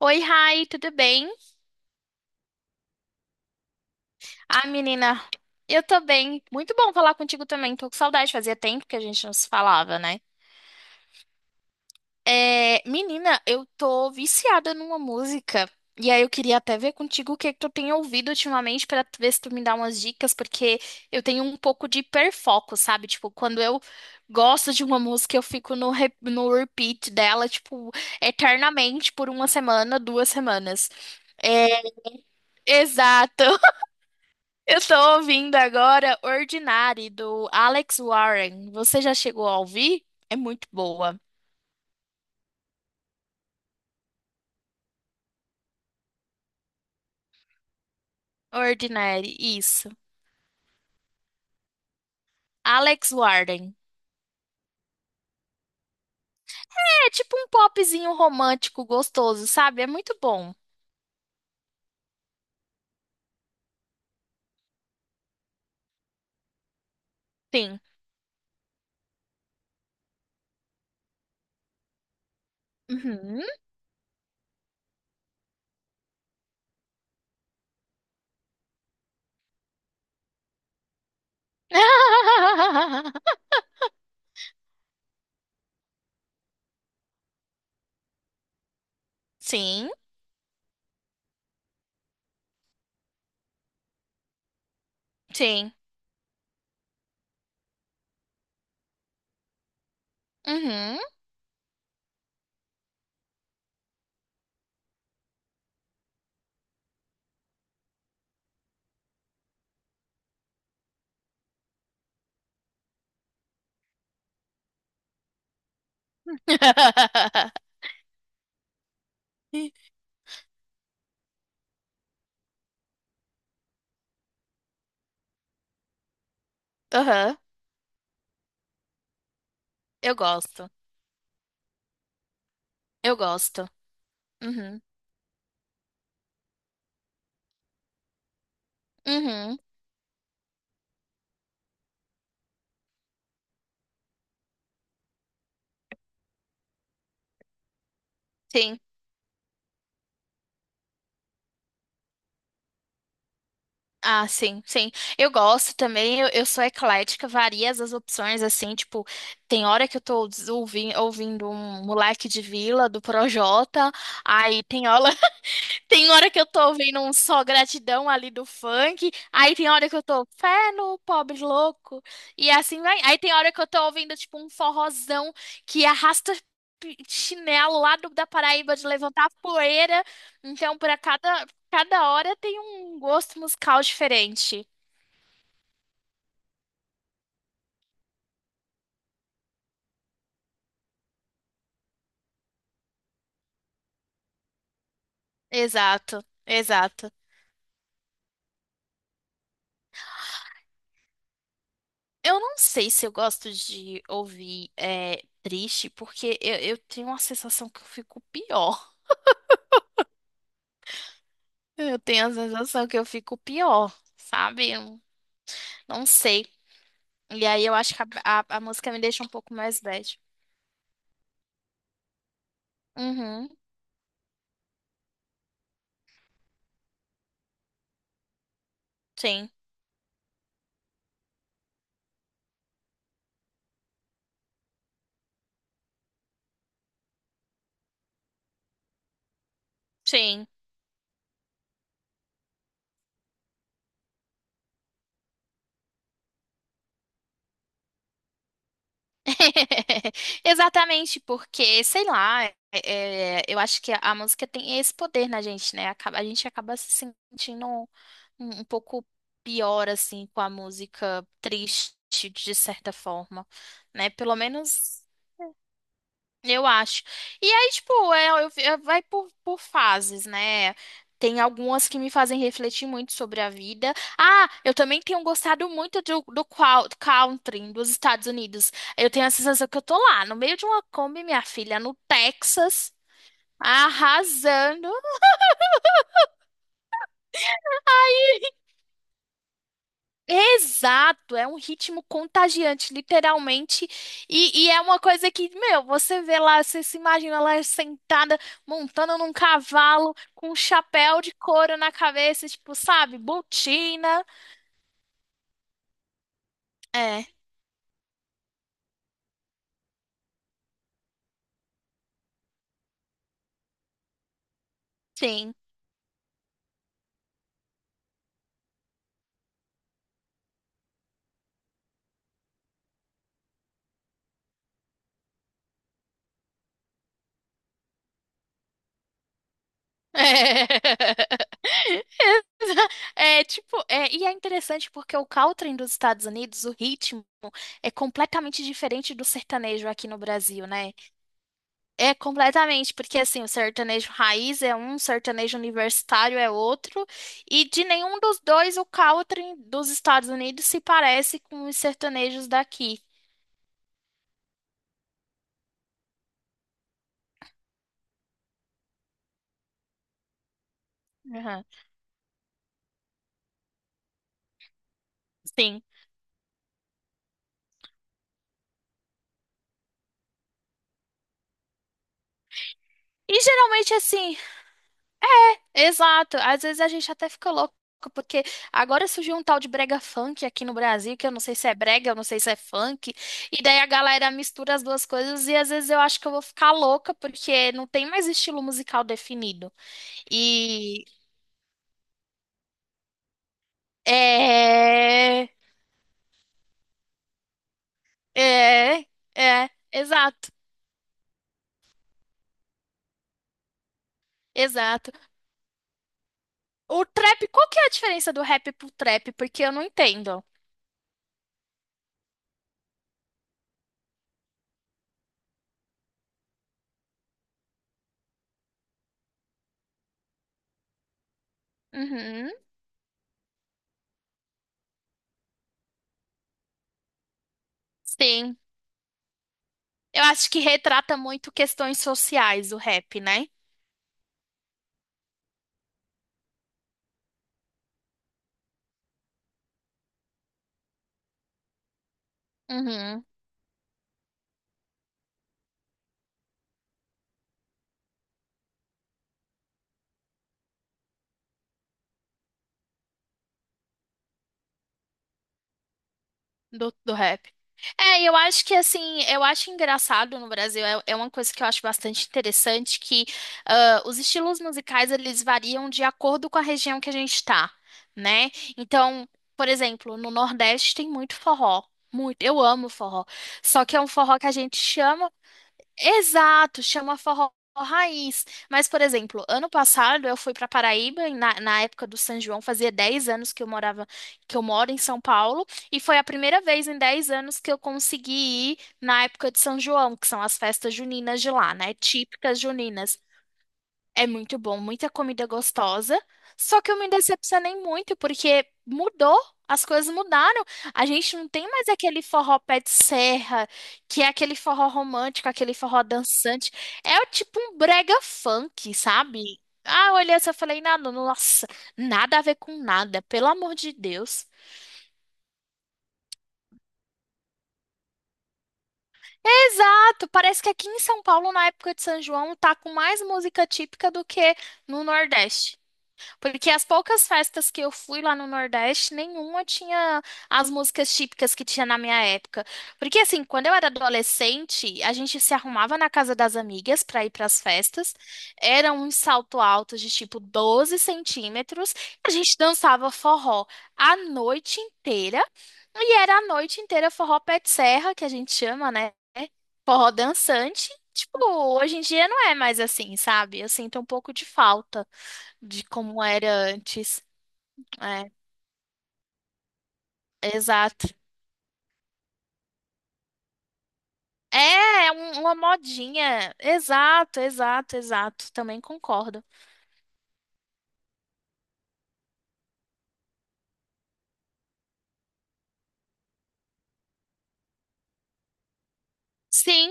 Oi, Rai, tudo bem? Ah, menina, eu tô bem. Muito bom falar contigo também. Tô com saudade, fazia tempo que a gente não se falava, né? É, menina, eu tô viciada numa música. E aí eu queria até ver contigo o que que tu tem ouvido ultimamente pra tu ver se tu me dá umas dicas, porque eu tenho um pouco de hiperfoco, sabe? Tipo, quando eu gosto de uma música, eu fico no repeat dela, tipo, eternamente por uma semana, 2 semanas. É, exato. Eu tô ouvindo agora Ordinary, do Alex Warren. Você já chegou a ouvir? É muito boa. Ordinary, isso. Alex Warren. É tipo um popzinho romântico gostoso, sabe? É muito bom. Sim. Uhum. Sim, sim. Uhum. Aham. Eu gosto. Eu gosto. Uhum. Uhum. Sim. Ah, sim, sim. Eu gosto também, eu sou eclética, varia as opções, assim, tipo, tem hora que eu tô ouvindo um moleque de vila do Projota, aí tem hora que eu tô ouvindo um só gratidão ali do funk, aí tem hora que eu tô fé no pobre louco, e assim vai. Aí tem hora que eu tô ouvindo tipo um forrozão que arrasta chinelo lá da Paraíba de levantar poeira. Então, para cada hora tem um gosto musical diferente. Exato, exato. Eu não sei se eu gosto de ouvir é, triste, porque eu tenho uma sensação que eu fico pior. Eu tenho a sensação que eu fico pior, sabe? Eu não sei. E aí eu acho que a, a música me deixa um pouco mais bad. Uhum, sim, sim. Exatamente, porque, sei lá, é, eu acho que a, música tem esse poder na gente, né? Acaba- a gente acaba se sentindo um pouco pior, assim, com a música triste, de certa forma, né? Pelo menos. Eu acho. E aí, tipo, vai por fases, né? Tem algumas que me fazem refletir muito sobre a vida. Ah, eu também tenho gostado muito do country dos Estados Unidos. Eu tenho a sensação que eu tô lá, no meio de uma Kombi, minha filha, no Texas, arrasando. Exato, é um ritmo contagiante, literalmente. E é uma coisa que, meu, você vê lá, você se imagina lá sentada, montando num cavalo, com um chapéu de couro na cabeça, tipo, sabe, botina. É, sim. É, tipo, é, e é interessante porque o country dos Estados Unidos, o ritmo, é completamente diferente do sertanejo aqui no Brasil, né? É completamente, porque assim, o sertanejo raiz é um, o sertanejo universitário é outro, e de nenhum dos dois o country dos Estados Unidos se parece com os sertanejos daqui. Aham, sim. E geralmente assim, exato, às vezes a gente até fica louco, porque agora surgiu um tal de brega funk aqui no Brasil, que eu não sei se é brega, eu não sei se é funk, e daí a galera mistura as duas coisas e às vezes eu acho que eu vou ficar louca, porque não tem mais estilo musical definido. E é, é, é, exato, exato. O trap, qual que é a diferença do rap pro trap? Porque eu não entendo. Uhum, sim. Eu acho que retrata muito questões sociais o rap, né? Uhum. Do rap. É, eu acho que assim, eu acho engraçado no Brasil, é, é uma coisa que eu acho bastante interessante, que ah, os estilos musicais eles variam de acordo com a região que a gente tá, né? Então, por exemplo, no Nordeste tem muito forró. Muito, eu amo forró. Só que é um forró que a gente chama. Exato, chama forró raiz. Mas, por exemplo, ano passado eu fui para Paraíba, e na época do São João, fazia 10 anos que eu morava, que eu moro em São Paulo, e foi a primeira vez em 10 anos que eu consegui ir na época de São João, que são as festas juninas de lá, né? Típicas juninas. É muito bom, muita comida gostosa. Só que eu me decepcionei muito porque mudou, as coisas mudaram. A gente não tem mais aquele forró pé de serra, que é aquele forró romântico, aquele forró dançante. É o tipo um brega funk, sabe? Ah, eu olhei assim, eu falei, nada, nossa, nada a ver com nada, pelo amor de Deus. Exato, parece que aqui em São Paulo, na época de São João, tá com mais música típica do que no Nordeste. Porque as poucas festas que eu fui lá no Nordeste, nenhuma tinha as músicas típicas que tinha na minha época. Porque assim, quando eu era adolescente, a gente se arrumava na casa das amigas para ir para as festas. Era um salto alto de tipo 12 centímetros. A gente dançava forró a noite inteira. E era a noite inteira forró pé de serra, que a gente chama, né? Forró dançante. Tipo, hoje em dia não é mais assim, sabe? Eu sinto um pouco de falta de como era antes. É, exato. É, uma modinha. Exato, exato, exato. Também concordo. Sim,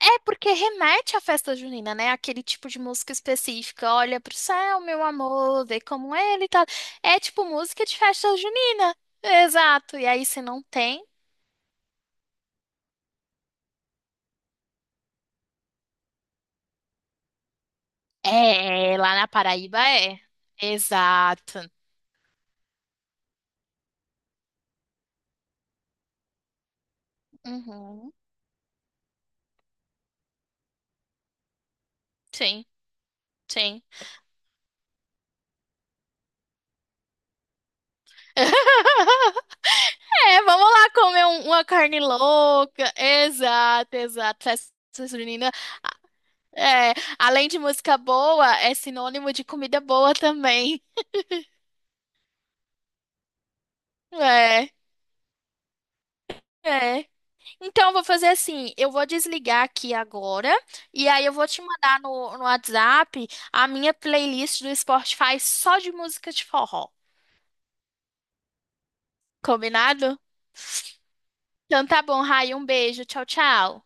é porque remete à festa junina, né? Aquele tipo de música específica. Olha pro céu, meu amor, vê como ele tá. É tipo música de festa junina. Exato. E aí, se não tem. É, lá na Paraíba é. Exato. Uhum. Sim, sim. É, vamos lá comer um- uma carne louca. Exato, exato. Festa junina. É, além de música boa, é sinônimo de comida boa também. É, é. Então, eu vou fazer assim: eu vou desligar aqui agora, e aí eu vou te mandar no WhatsApp a minha playlist do Spotify só de música de forró. Combinado? Então tá bom, Rai, um beijo. Tchau, tchau.